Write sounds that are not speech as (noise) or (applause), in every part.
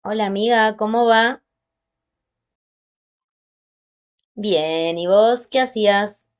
Hola amiga, ¿cómo va? Bien, ¿y vos qué hacías?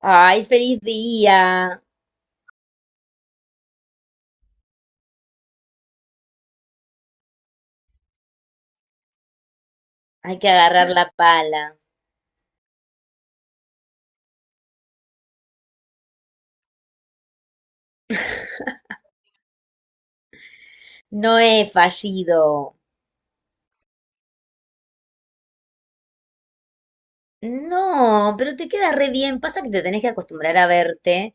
¡Ay, feliz día! Hay que agarrar la pala. No he fallido. No, pero te queda re bien. Pasa que te tenés que acostumbrar a verte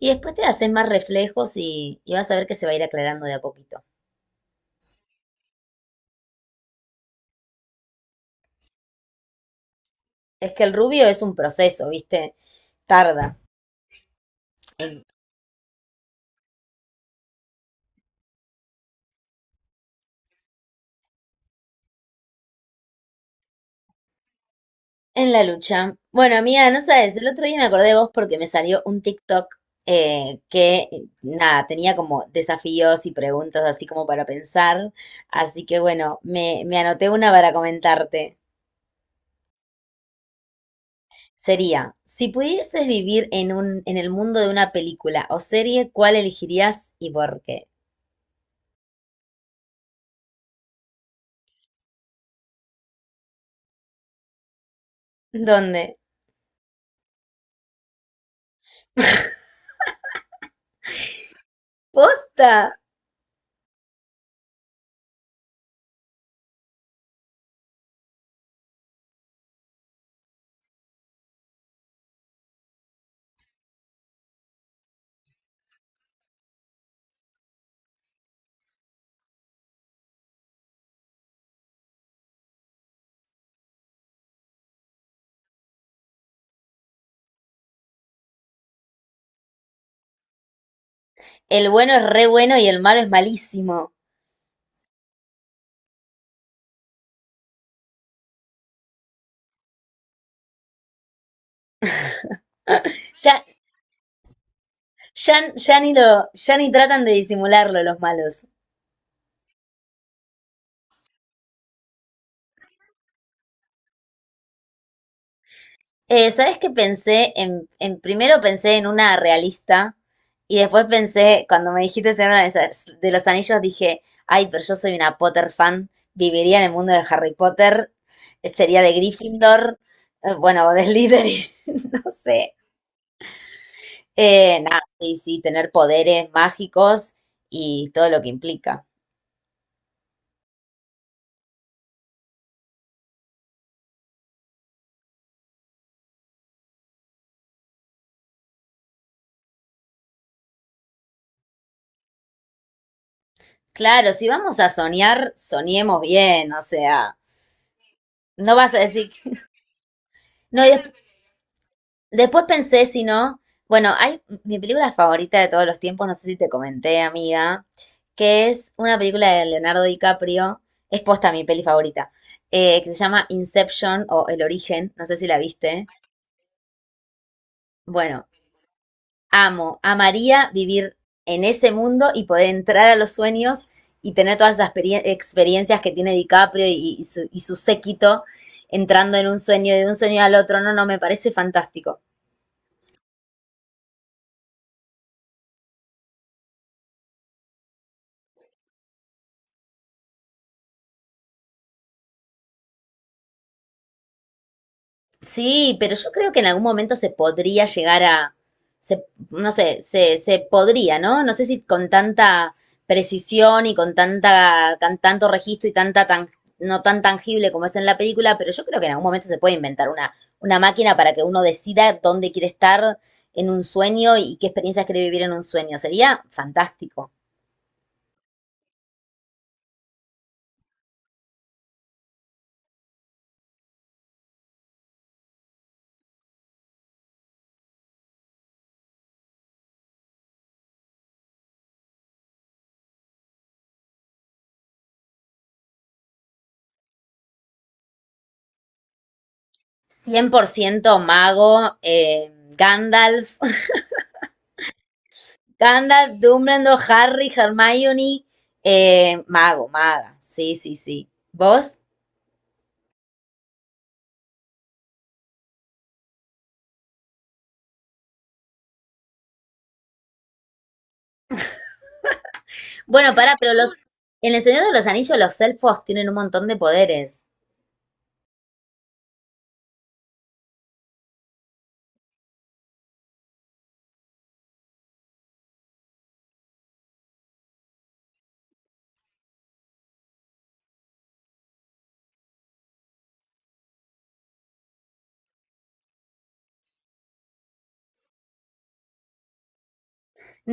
y después te haces más reflejos y vas a ver que se va a ir aclarando de a poquito. Es que el rubio es un proceso, ¿viste? Tarda. En la lucha. Bueno, amiga, no sabes, el otro día me acordé de vos porque me salió un TikTok eh, que, nada, tenía como desafíos y preguntas así como para pensar. Así que bueno, me anoté una para comentarte. Sería, si pudieses vivir en en el mundo de una película o serie, ¿cuál elegirías y por qué? ¿Dónde? (laughs) ¡Posta! El bueno es re bueno y el malo es malísimo. Ya, ya, ya ni lo, ya ni tratan de disimularlo los malos. ¿Sabes qué pensé? Primero pensé en una realista y después pensé, cuando me dijiste en una de, esas- de los anillos, dije, ay, pero yo soy una Potter fan, viviría en el mundo de Harry Potter, sería de Gryffindor, bueno, o de Slytherin, (laughs) no sé. Nada, sí, sí, tener poderes mágicos y todo lo que implica. Claro, si vamos a soñar, soñemos bien, o sea, no vas a decir. No, después pensé, si no, bueno, hay mi película favorita de todos los tiempos, no sé si te comenté, amiga, que es una película de Leonardo DiCaprio, es posta mi peli favorita, que se llama Inception o El Origen, no sé si la viste. Bueno, amo, amaría vivir en ese mundo y poder entrar a los sueños y tener todas esas experiencias que tiene DiCaprio y su séquito entrando en un sueño, de un sueño al otro, no, no, me parece fantástico. Sí, pero yo creo que en algún momento se podría llegar a, se- no sé, se podría, ¿no? No sé si con tanta precisión y con tanta, con tanto registro y tanta tan, no tan tangible como es en la película, pero yo creo que en algún momento se puede inventar una máquina para que uno decida dónde quiere estar en un sueño y qué experiencias quiere vivir en un sueño. Sería fantástico. 100% mago, Gandalf. Gandalf, Dumbledore, Harry, Hermione, mago, maga. Sí, sí, sí. ¿Vos? Bueno, pará, pero los en El Señor de los Anillos los elfos tienen un montón de poderes.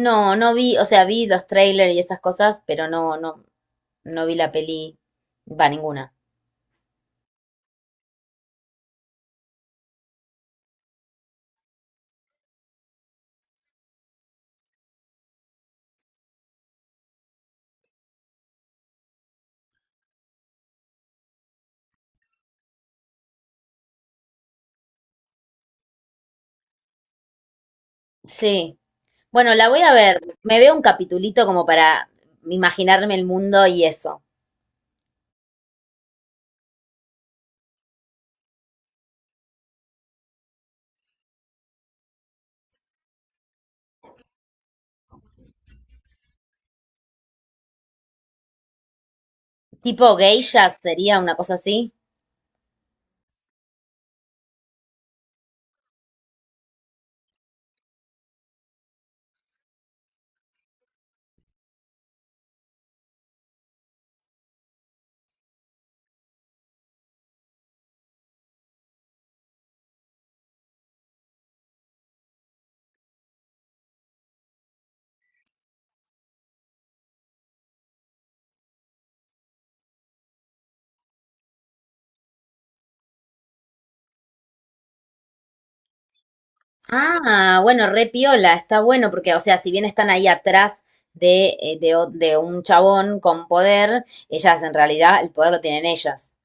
No, no vi, o sea, vi los trailers y esas cosas, pero no, no, no vi la peli, va, ninguna. Sí. Bueno, la voy a ver. Me veo un capitulito como para imaginarme el mundo y eso. Tipo geisha sería una cosa así. Ah, bueno, re piola, está bueno porque, o sea, si bien están ahí atrás de, o- de un chabón con poder, ellas en realidad el poder lo tienen ellas.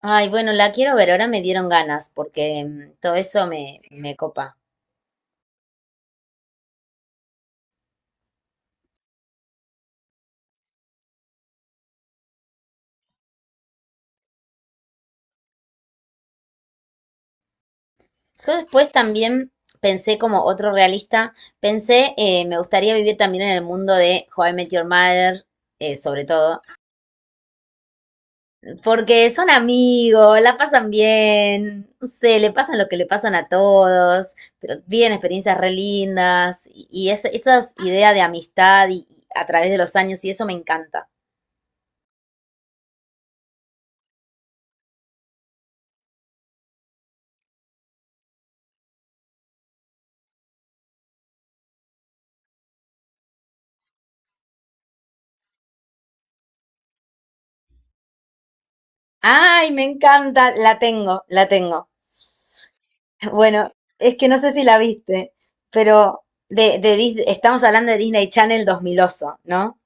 Ay, bueno, la quiero ver, ahora me dieron ganas porque mm, todo eso me copa. Yo después también pensé como otro realista, pensé, me gustaría vivir también en el mundo de How I Met Your Mother, sobre todo, porque son amigos, la pasan bien, no sé, le pasan lo que le pasan a todos, pero viven experiencias re lindas y esas ideas de amistad y a través de los años y eso me encanta. Ay, me encanta, la tengo, la tengo. Bueno, es que no sé si la viste, pero estamos hablando de Disney Channel 2000 oso, ¿no?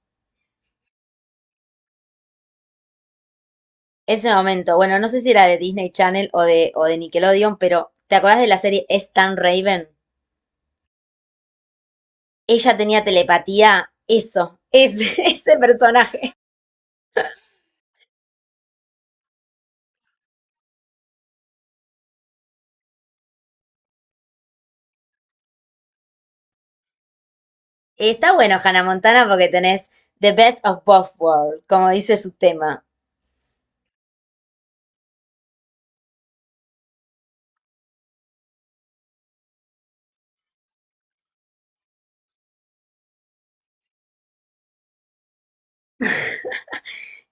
Ese momento, bueno, no sé si era de Disney Channel o de Nickelodeon, pero ¿te acordás de la serie Es tan Raven? Ella tenía telepatía, eso, es, (laughs) ese personaje. Está bueno Hannah Montana porque tenés The Best of Both Worlds, como dice su tema.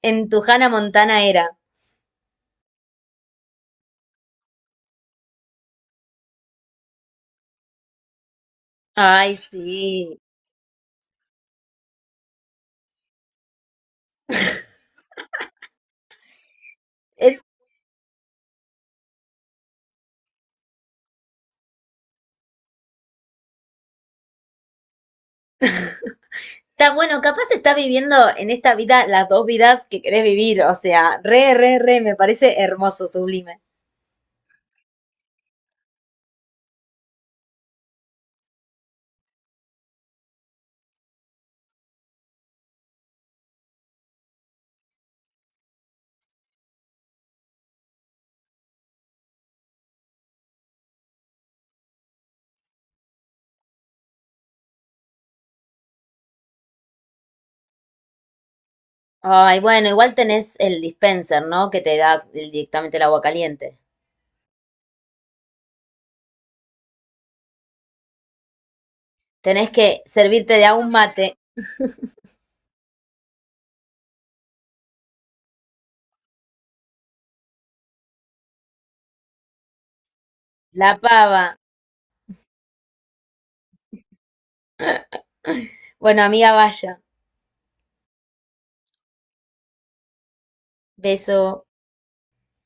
En tu Hannah Montana era. Ay, sí. Eh, está bueno, capaz está viviendo en esta vida las dos vidas que querés vivir. O sea, re, re, re, me parece hermoso, sublime. Ay, bueno, igual tenés el dispenser, ¿no? Que te da el- directamente el agua caliente. Tenés que servirte de a un mate, la pava. Bueno, amiga, vaya. Beso.